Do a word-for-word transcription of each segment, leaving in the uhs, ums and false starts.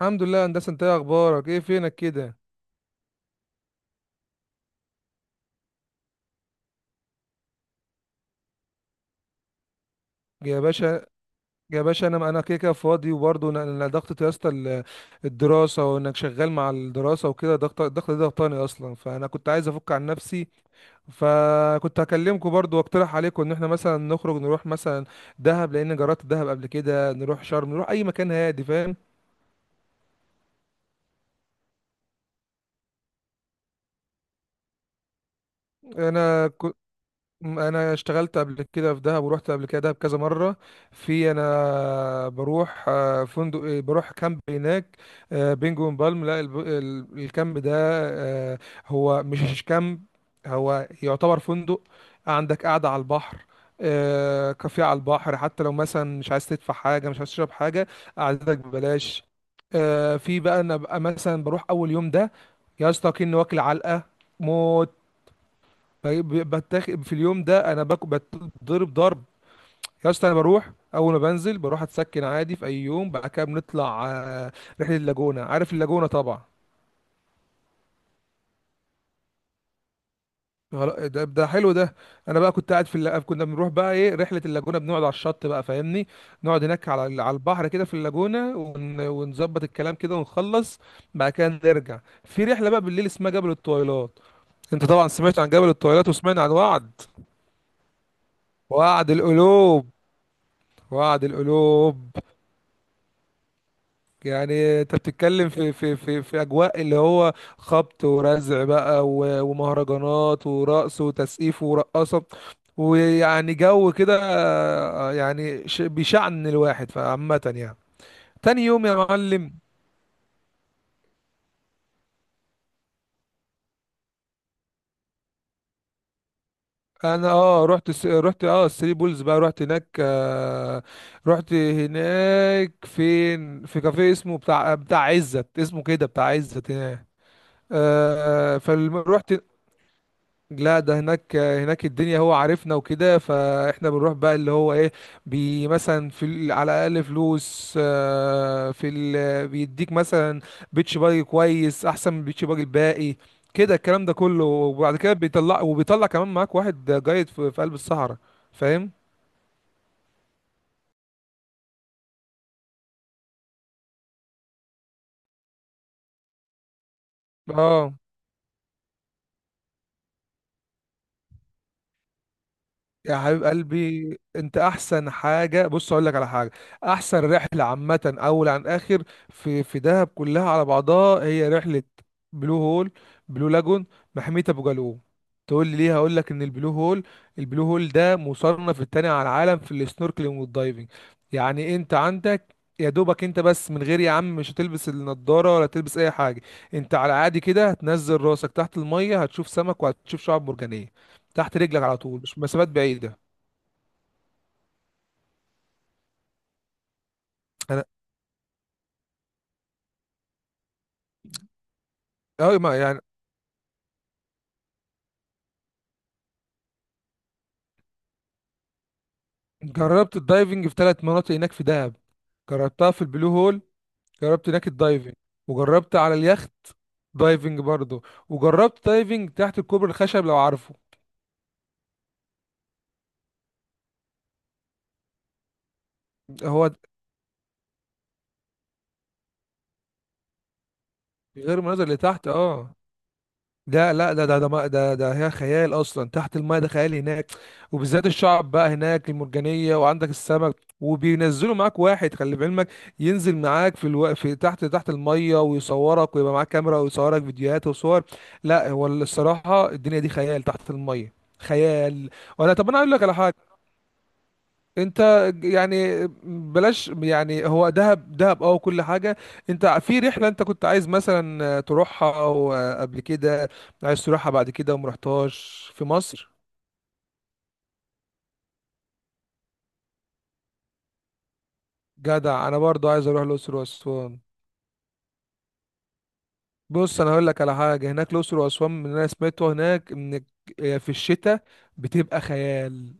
الحمد لله يا هندسه، انت ايه اخبارك؟ ايه فينك كده؟ يا باشا، يا باشا، انا انا كده كده فاضي، وبرضه انا أنا ضغطة يا اسطى. ال- الدراسه، وانك شغال مع الدراسه وكده ضغط. الضغط ده ضغطاني اصلا، فانا كنت عايز افك عن نفسي. فكنت هكلمكم برضو واقترح عليكم ان احنا مثلا نخرج، نروح مثلا دهب، لان جربت دهب قبل كده. نروح شرم، نروح اي مكان هادي، فاهم؟ انا انا اشتغلت قبل كده في دهب، ورحت قبل كده دهب كذا مره. في انا بروح آه، فندق، إيه، بروح كامب هناك. آه، بينجو بالم، لا الب- ال- الكامب ده آه، هو مش كامب، هو يعتبر فندق. عندك قاعده على البحر، آه، كافيه على البحر. حتى لو مثلا مش عايز تدفع حاجه، مش عايز تشرب حاجه، قعدتك ببلاش. آه، في بقى انا بقى مثلا بروح اول يوم ده يا اسطى كأني واكل علقه موت. فبتاخد في اليوم ده انا باكل بتضرب ضرب يا اسطى. انا بروح اول ما بنزل بروح اتسكن عادي، في اي يوم بعد كده بنطلع آه، رحله اللاجونه. عارف اللاجونه طبعا. غل- ده, ده حلو ده. انا بقى كنت قاعد في اللا... كنا بنروح بقى ايه رحله اللاجونه، بنقعد على الشط بقى، فاهمني؟ نقعد هناك على ال- على البحر كده في اللاجونه، ون... ونظبط الكلام كده ونخلص. بعد كده نرجع في رحله بقى بالليل اسمها جبل الطويلات. انت طبعا سمعت عن جبل الطويلات، وسمعت عن وعد. وعد القلوب وعد القلوب يعني انت بتتكلم في في في في اجواء اللي هو خبط ورزع بقى و- ومهرجانات ورقص وتسقيف ورقصه. ويعني جو كده آه، يعني ش- بيشعن الواحد، فعامة يعني. تاني يوم يا معلم، انا اه رحت س- رحت اه الثري بولز بقى، رحت هناك آه. رحت هناك فين؟ في كافيه اسمه بتاع بتاع عزت، اسمه كده بتاع عزت هناك. آه فرحت. لا ده هناك، هناك الدنيا هو عارفنا وكده، فاحنا بنروح بقى اللي هو ايه، بي مثلا في ال- على الاقل فلوس، آه، في ال بيديك مثلا. بيتش باجي كويس احسن من بيتش باجي الباقي كده. الكلام ده كله، وبعد كده بيطلع، وبيطلع كمان معاك واحد جايد في, في قلب الصحراء، فاهم؟ اه. يا حبيب قلبي، انت احسن حاجه، بص اقول لك على حاجه. احسن رحله عامه، اول عن اخر، في في دهب كلها على بعضها هي رحله بلو هول، بلو لاجون، محميه ابو جالوم. تقول لي ليه؟ هقول لك ان البلو هول البلو هول ده مصنف التاني على العالم في السنوركلينج والدايفنج. يعني انت عندك يا دوبك انت بس، من غير يا عم مش هتلبس النضاره ولا تلبس اي حاجه. انت على عادي كده، هتنزل راسك تحت الميه، هتشوف سمك وهتشوف شعاب مرجانيه تحت رجلك على طول، مش مسافات بعيده. انا اه ما يعني جربت الدايفنج في ثلاث مناطق هناك في دهب. جربتها في البلو هول، جربت هناك الدايفنج، وجربت على اليخت دايفنج برضه، وجربت دايفنج تحت الكوبري الخشب لو عارفه. هو غير المناظر اللي تحت اه. ده لا ده ده ده ما- ده ده هي خيال اصلا تحت الماء، ده خيال هناك. وبالذات الشعب بقى هناك المرجانيه، وعندك السمك، وبينزلوا معاك واحد خلي بعلمك، ينزل معاك في الو... في تحت تحت الميه ويصورك، ويبقى معاك كاميرا ويصورك فيديوهات وصور. لا هو الصراحه الدنيا دي خيال تحت الميه، خيال. وانا طب انا اقول لك على حاجه. انت يعني بلاش يعني، هو دهب دهب اه كل حاجه. انت في رحله انت كنت عايز مثلا تروحها او قبل كده، عايز تروحها بعد كده، وما رحتهاش في مصر؟ جدع، انا برضو عايز اروح الاقصر واسوان. بص انا هقول لك على حاجه، هناك الاقصر واسوان من اللي انا سمعته هناك ان في الشتاء بتبقى خيال.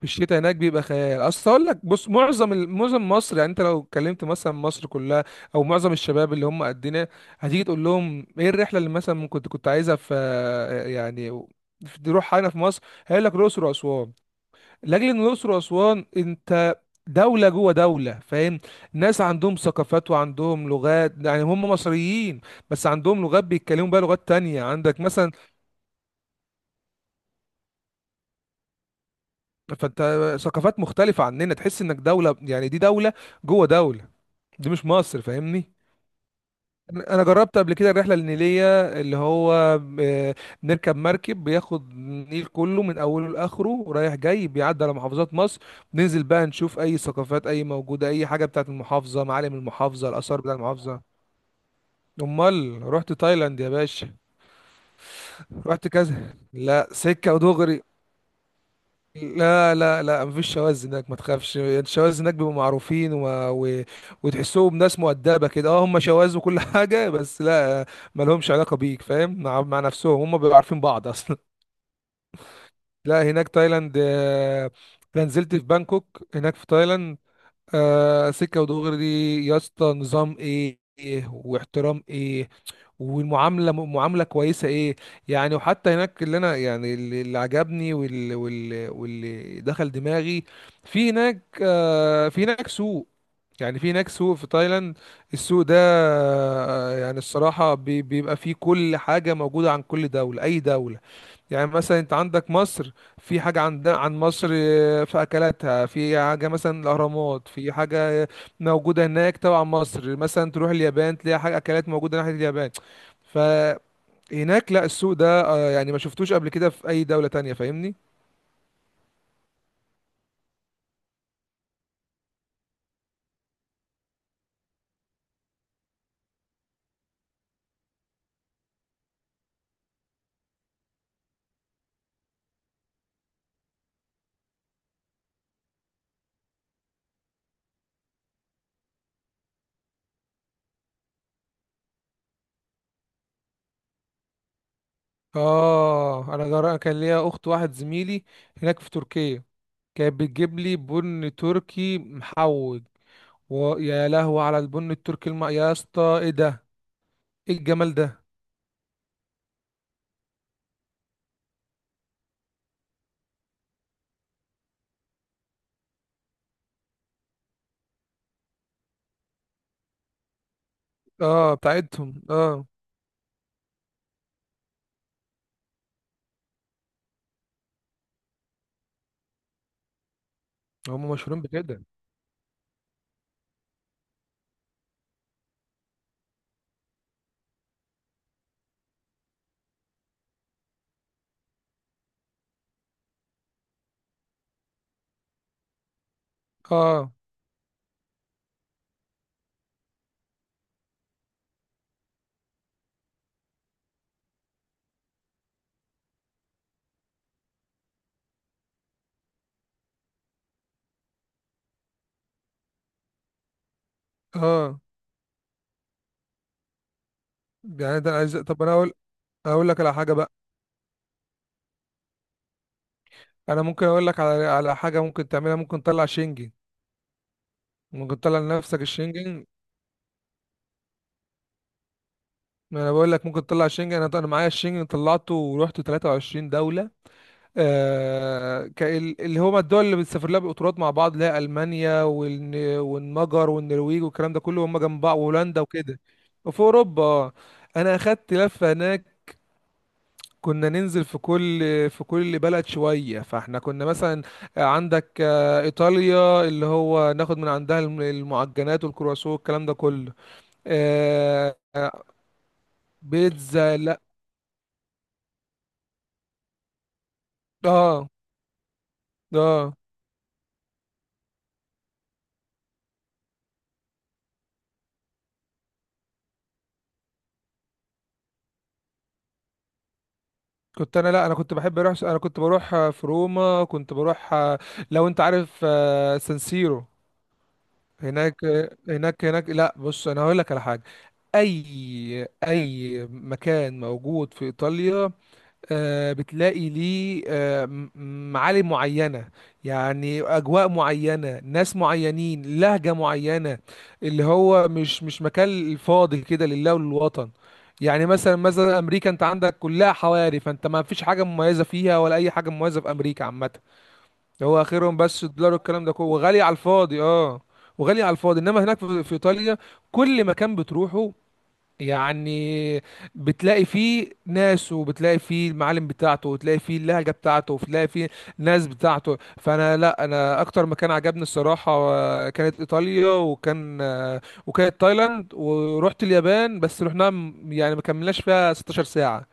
في الشتاء هناك بيبقى خيال، اصل اقول لك بص، معظم ال- معظم مصر، يعني انت لو اتكلمت مثلا مصر كلها او معظم الشباب اللي هم قدنا، هتيجي تقول لهم ايه الرحله اللي مثلا ممكن كنت كنت عايزها في يعني، في- تروح هنا في مصر، هيقول لك الاقصر واسوان. لاجل ان الاقصر واسوان انت دوله جوه دوله، فاهم؟ ناس عندهم ثقافات وعندهم لغات، يعني هم مصريين بس عندهم لغات بيتكلموا بقى لغات تانية. عندك مثلا فانت ثقافات مختلفه عننا، تحس انك دوله، يعني دي دوله جوه دوله، دي مش مصر، فاهمني؟ انا جربت قبل كده الرحله النيليه، اللي هو آه، بنركب مركب بياخد النيل كله من اوله لاخره رايح جاي، بيعدي على محافظات مصر، بننزل بقى نشوف اي ثقافات، اي موجوده، اي حاجه بتاعت المحافظه، معالم المحافظه، الاثار بتاع المحافظه. امال رحت تايلاند يا باشا، رحت كذا، لا سكه ودغري. لا لا لا مفيش شواذ هناك، ما تخافش، الشواذ هناك بيبقوا معروفين و... و... وتحسهم ناس مؤدبه كده. اه هم شواذ وكل حاجه، بس لا، ما لهمش علاقه بيك، فاهم؟ مع, مع نفسهم هم بيبقوا عارفين بعض اصلا. لا هناك تايلاند آه، انا نزلت في بانكوك هناك في تايلاند. آه، سكه ودغري. يا اسطى نظام ايه، إيه واحترام ايه، والمعامله معامله كويسه ايه. يعني وحتى هناك اللي انا يعني اللي اللي عجبني واللي واللي واللي دخل دماغي، في هناك آه، في هناك سوق، يعني في هناك سوق في تايلاند. السوق ده آه، يعني الصراحه بي- بيبقى فيه كل حاجه موجوده عن كل دوله، اي دوله. يعني مثلا انت عندك مصر، في حاجة عندنا عن مصر، آه، في أكلاتها، في حاجة مثلا الأهرامات، في حاجة آه، موجودة هناك تبع مصر. مثلا تروح اليابان، تلاقي حاجة أكلات موجودة ناحية اليابان. فهناك لا السوق ده آه، يعني ما شفتوش قبل كده في أي دولة تانية، فاهمني؟ آه أنا جرى كان ليا أخت واحد زميلي هناك في تركيا، كانت بتجيب لي بن تركي محوج. ويا لهوي على البن التركي الم... يا اسطى ايه ده، ايه الجمال ده. اه بتاعتهم اه، هم مشهورين بكده. اه اه يعني ده عايز، طب انا اقول، اقول لك على حاجه بقى. انا ممكن اقول لك على على حاجه ممكن تعملها، ممكن تطلع شنجن، ممكن تطلع لنفسك الشنجن. ما انا بقول لك ممكن تطلع شنجن، انا انا معايا الشنجن، طلعته ورحت ثلاث وعشرين دوله. آه كال- اللي هما الدول اللي بتسافر لها بالقطارات مع بعض، اللي هي المانيا والن... والمجر والنرويج والكلام ده كله، هم جنب بعض، وهولندا وكده. وفي اوروبا آه. انا اخدت لفه هناك، كنا ننزل في كل في كل بلد شوية، فاحنا كنا مثلا عندك آه، إيطاليا، اللي هو ناخد من عندها الم- المعجنات والكرواسون والكلام ده كله. آه، آه، بيتزا، لا. اه اه كنت انا لا انا كنت بحب اروح، انا كنت بروح آه، في روما، كنت بروح آه، لو انت عارف آه، سانسيرو. هناك آه، هناك هناك لا بص، انا هقول لك على حاجة. اي اي مكان موجود في ايطاليا آه، بتلاقي ليه آه، م- معالم معينة، يعني أجواء معينة، ناس معينين، لهجة معينة. اللي هو مش مش مكان فاضي كده لله وللوطن. يعني مثلا مثلا أمريكا، أنت عندك كلها حواري، فأنت ما فيش حاجة مميزة فيها ولا أي حاجة مميزة في أمريكا عامة. هو آخرهم بس الدولار والكلام ده كله، وغالي على الفاضي، أه وغالي على الفاضي. إنما هناك في في إيطاليا، كل مكان بتروحه يعني، بتلاقي فيه ناس، وبتلاقي فيه المعالم بتاعته، وتلاقي فيه اللهجة بتاعته، وتلاقي فيه ناس بتاعته. فانا لا انا اكتر مكان عجبني الصراحة آه، كانت ايطاليا، وكان آه، وكانت تايلاند. ورحت اليابان بس رحنا يعني ما كملناش فيها ستاشر ساعة.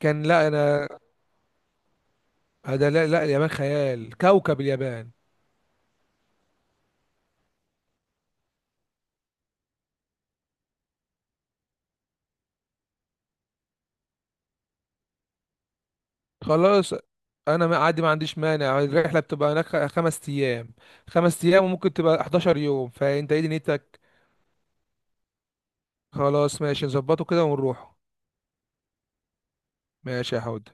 كان لا انا، هذا لا, لا اليابان خيال، كوكب اليابان. خلاص، انا ما عادي، ما عنديش مانع. الرحله بتبقى هناك خمس ايام، خمس ايام وممكن تبقى حداشر يوم، فانت ايه دنيتك؟ خلاص ماشي نظبطه كده ونروحه. ماشي يا حود.